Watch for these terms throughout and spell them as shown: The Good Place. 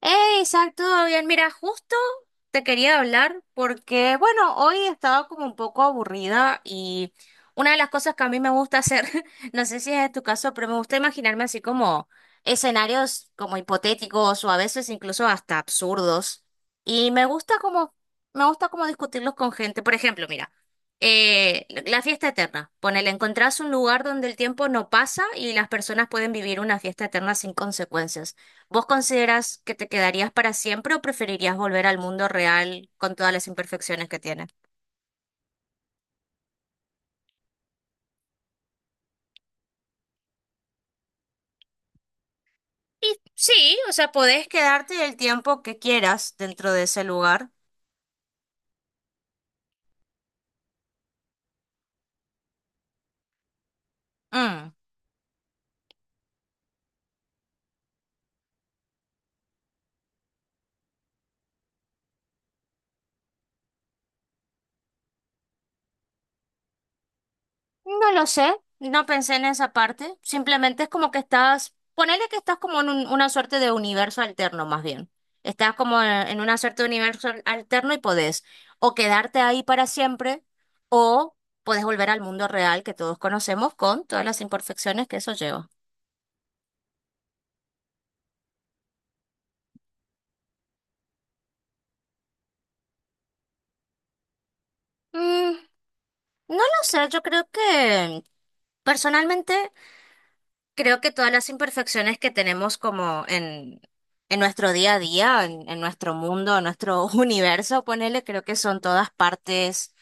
Eh, exacto, bien. Mira, justo te quería hablar porque, bueno, hoy estaba como un poco aburrida y una de las cosas que a mí me gusta hacer, no sé si es tu caso, pero me gusta imaginarme así como escenarios como hipotéticos o a veces incluso hasta absurdos. Y me gusta como discutirlos con gente. Por ejemplo, mira, la fiesta eterna. Ponele, encontrás un lugar donde el tiempo no pasa y las personas pueden vivir una fiesta eterna sin consecuencias. ¿Vos considerás que te quedarías para siempre o preferirías volver al mundo real con todas las imperfecciones que tiene? Y sí, o sea, podés quedarte el tiempo que quieras dentro de ese lugar. Mm, No lo sé, no pensé en esa parte. Simplemente es como que estás, ponele que estás como en una suerte de universo alterno, más bien. Estás como en una suerte de universo alterno y podés o quedarte ahí para siempre o podés volver al mundo real que todos conocemos con todas las imperfecciones que eso lleva. Mm, no lo sé, yo creo que personalmente creo que todas las imperfecciones que tenemos como en, nuestro día a día, en nuestro mundo, en nuestro universo, ponele, creo que son todas partes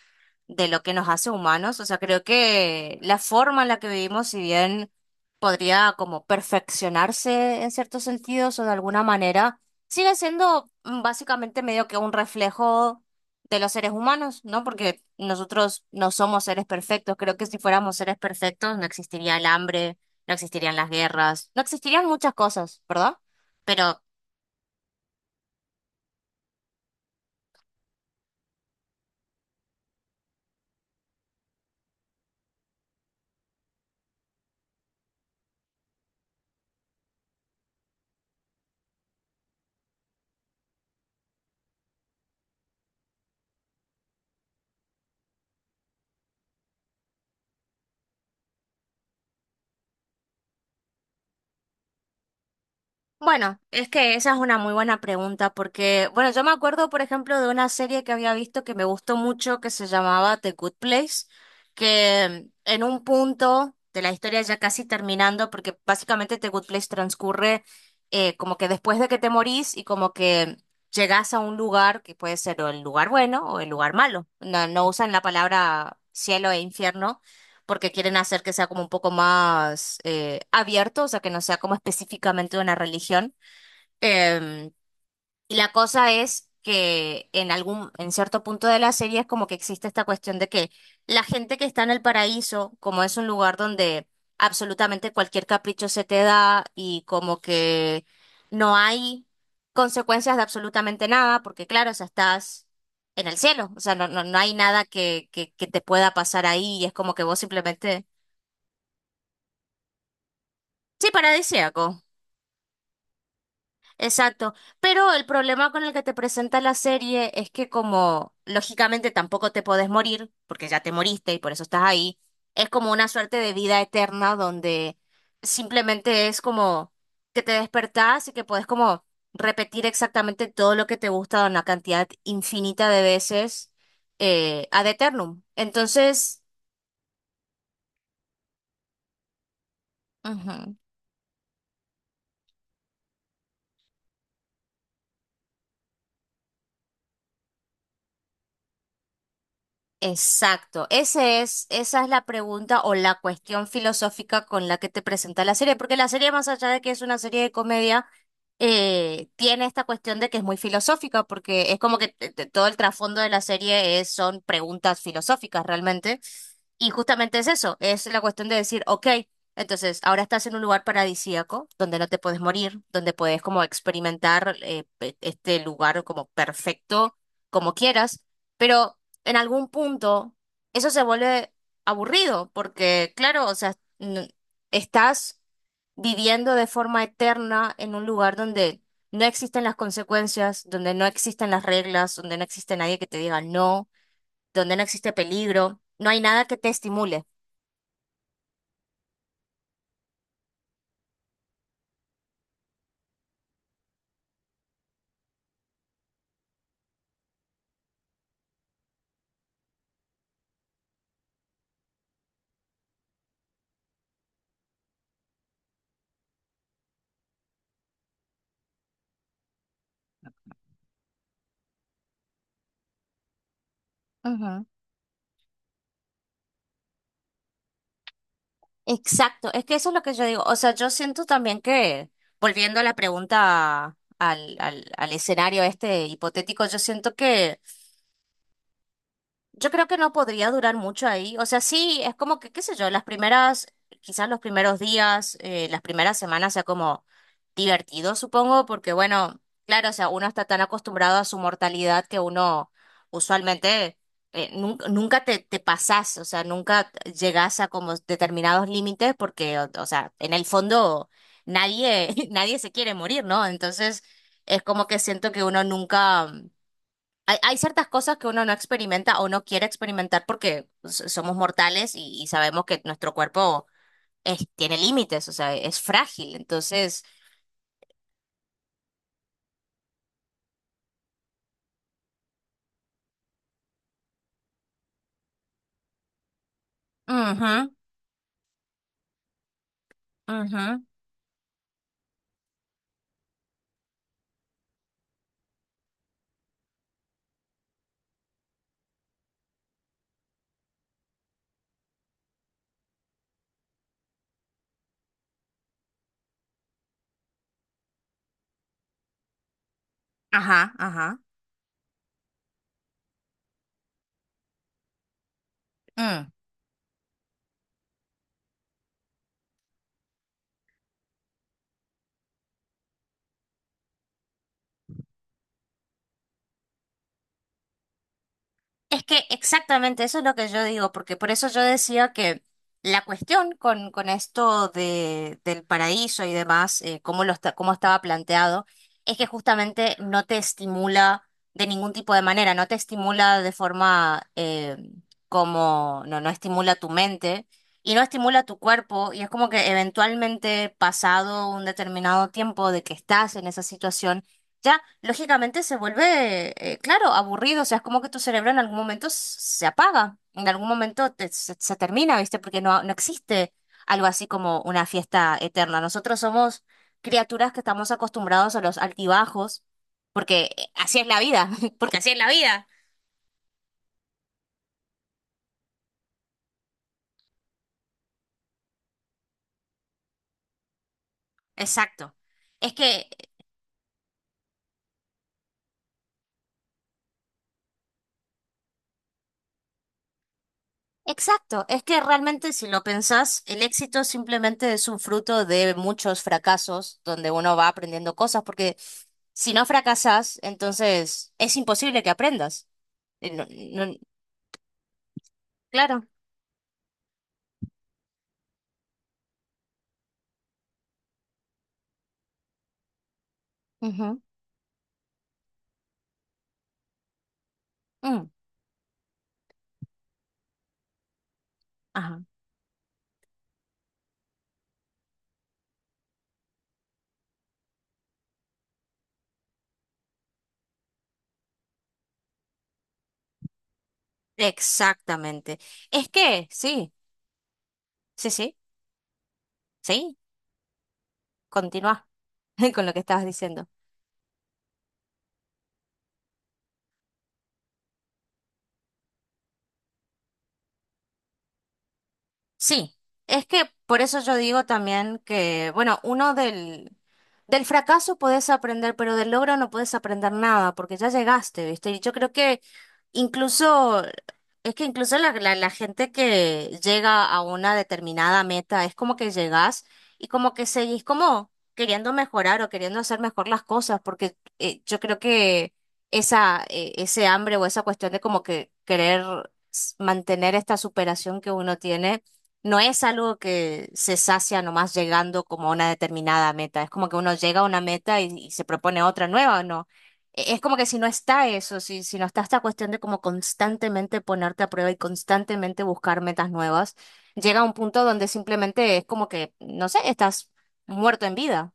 de lo que nos hace humanos. O sea, creo que la forma en la que vivimos, si bien podría como perfeccionarse en ciertos sentidos o de alguna manera, sigue siendo básicamente medio que un reflejo de los seres humanos, ¿no? Porque nosotros no somos seres perfectos. Creo que si fuéramos seres perfectos no existiría el hambre, no existirían las guerras, no existirían muchas cosas, ¿verdad? Pero. Bueno, es que esa es una muy buena pregunta porque, bueno, yo me acuerdo, por ejemplo, de una serie que había visto que me gustó mucho que se llamaba The Good Place, que en un punto de la historia ya casi terminando, porque básicamente The Good Place transcurre como que después de que te morís y como que llegas a un lugar que puede ser o el lugar bueno o el lugar malo. No usan la palabra cielo e infierno porque quieren hacer que sea como un poco más abierto, o sea, que no sea como específicamente una religión. Em, y la cosa es que en en cierto punto de la serie es como que existe esta cuestión de que la gente que está en el paraíso, como es un lugar donde absolutamente cualquier capricho se te da y como que no hay consecuencias de absolutamente nada, porque claro, o sea, estás en el cielo, o sea, no hay nada que te pueda pasar ahí y es como que vos simplemente... Sí, paradisíaco. Exacto. Pero el problema con el que te presenta la serie es que como lógicamente tampoco te podés morir, porque ya te moriste y por eso estás ahí, es como una suerte de vida eterna donde simplemente es como que te despertás y que podés como repetir exactamente todo lo que te gusta una cantidad infinita de veces ad eternum. Entonces... ujú. Exacto. Esa es la pregunta o la cuestión filosófica con la que te presenta la serie, porque la serie, más allá de que es una serie de comedia, tiene esta cuestión de que es muy filosófica, porque es como que todo el trasfondo de la serie es, son preguntas filosóficas realmente, y justamente es eso, es la cuestión de decir, ok, entonces ahora estás en un lugar paradisíaco, donde no te puedes morir, donde puedes como experimentar este lugar como perfecto, como quieras. Pero en algún punto eso se vuelve aburrido, porque claro, o sea, estás viviendo de forma eterna en un lugar donde no existen las consecuencias, donde no existen las reglas, donde no existe nadie que te diga no, donde no existe peligro, no hay nada que te estimule. Ujú. Exacto, es que eso es lo que yo digo. O sea, yo siento también que, volviendo a la pregunta al escenario este hipotético, yo siento que yo creo que no podría durar mucho ahí. O sea, sí, es como que, qué sé yo, quizás los primeros días, las primeras semanas sea como divertido, supongo, porque bueno, claro, o sea, uno está tan acostumbrado a su mortalidad que uno usualmente nunca te pasás, o sea, nunca llegás a como determinados límites porque, o sea, en el fondo nadie, nadie se quiere morir, ¿no? Entonces, es como que siento que uno nunca... Hay ciertas cosas que uno no experimenta o no quiere experimentar porque somos mortales y sabemos que nuestro cuerpo tiene límites, o sea, es frágil. Entonces... ujú, ujú, ajá, ajá. Mm. Es que exactamente eso es lo que yo digo, porque por eso yo decía que la cuestión con esto del paraíso y demás, cómo estaba planteado, es que justamente no te estimula de ningún tipo de manera, no te estimula de forma no estimula tu mente y no estimula tu cuerpo, y es como que eventualmente pasado un determinado tiempo de que estás en esa situación, ya lógicamente se vuelve, claro, aburrido, o sea, es como que tu cerebro en algún momento se apaga, en algún momento se termina, ¿viste? Porque no, no existe algo así como una fiesta eterna. Nosotros somos criaturas que estamos acostumbrados a los altibajos, porque así es la vida, porque así es la vida. Exacto. Es que Exacto, es que realmente si lo pensás, el éxito simplemente es un fruto de muchos fracasos donde uno va aprendiendo cosas, porque si no fracasás, entonces es imposible que aprendas. Eh, no- no- claro. Ujú. Mm, ajá. Exactamente. Es que, sí, sí, sí, sí, continúa con lo que estabas diciendo. Sí, es que por eso yo digo también que, bueno, uno del fracaso podés aprender, pero del logro no podés aprender nada, porque ya llegaste, ¿viste? Y yo creo que incluso, es que incluso la gente que llega a una determinada meta, es como que llegás y como que seguís como queriendo mejorar o queriendo hacer mejor las cosas, porque yo creo que ese hambre o esa cuestión de como que querer mantener esta superación que uno tiene no es algo que se sacia nomás llegando como a una determinada meta. Es como que uno llega a una meta y se propone otra nueva, ¿no? Es como que si no está eso, si no está esta cuestión de como constantemente ponerte a prueba y constantemente buscar metas nuevas, llega a un punto donde simplemente es como que, no sé, estás muerto en vida.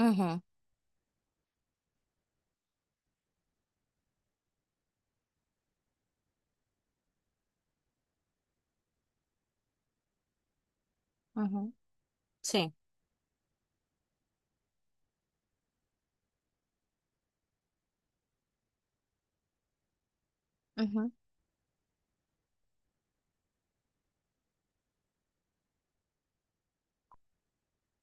Ujú, ujú, sí, ujú,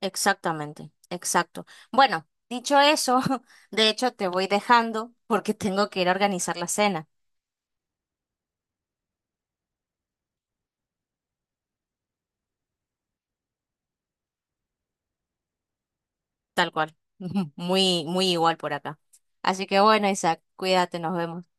exactamente, exacto. Bueno, dicho eso, de hecho te voy dejando porque tengo que ir a organizar la cena. Tal cual. Muy, muy igual por acá. Así que bueno, Isaac, cuídate, nos vemos.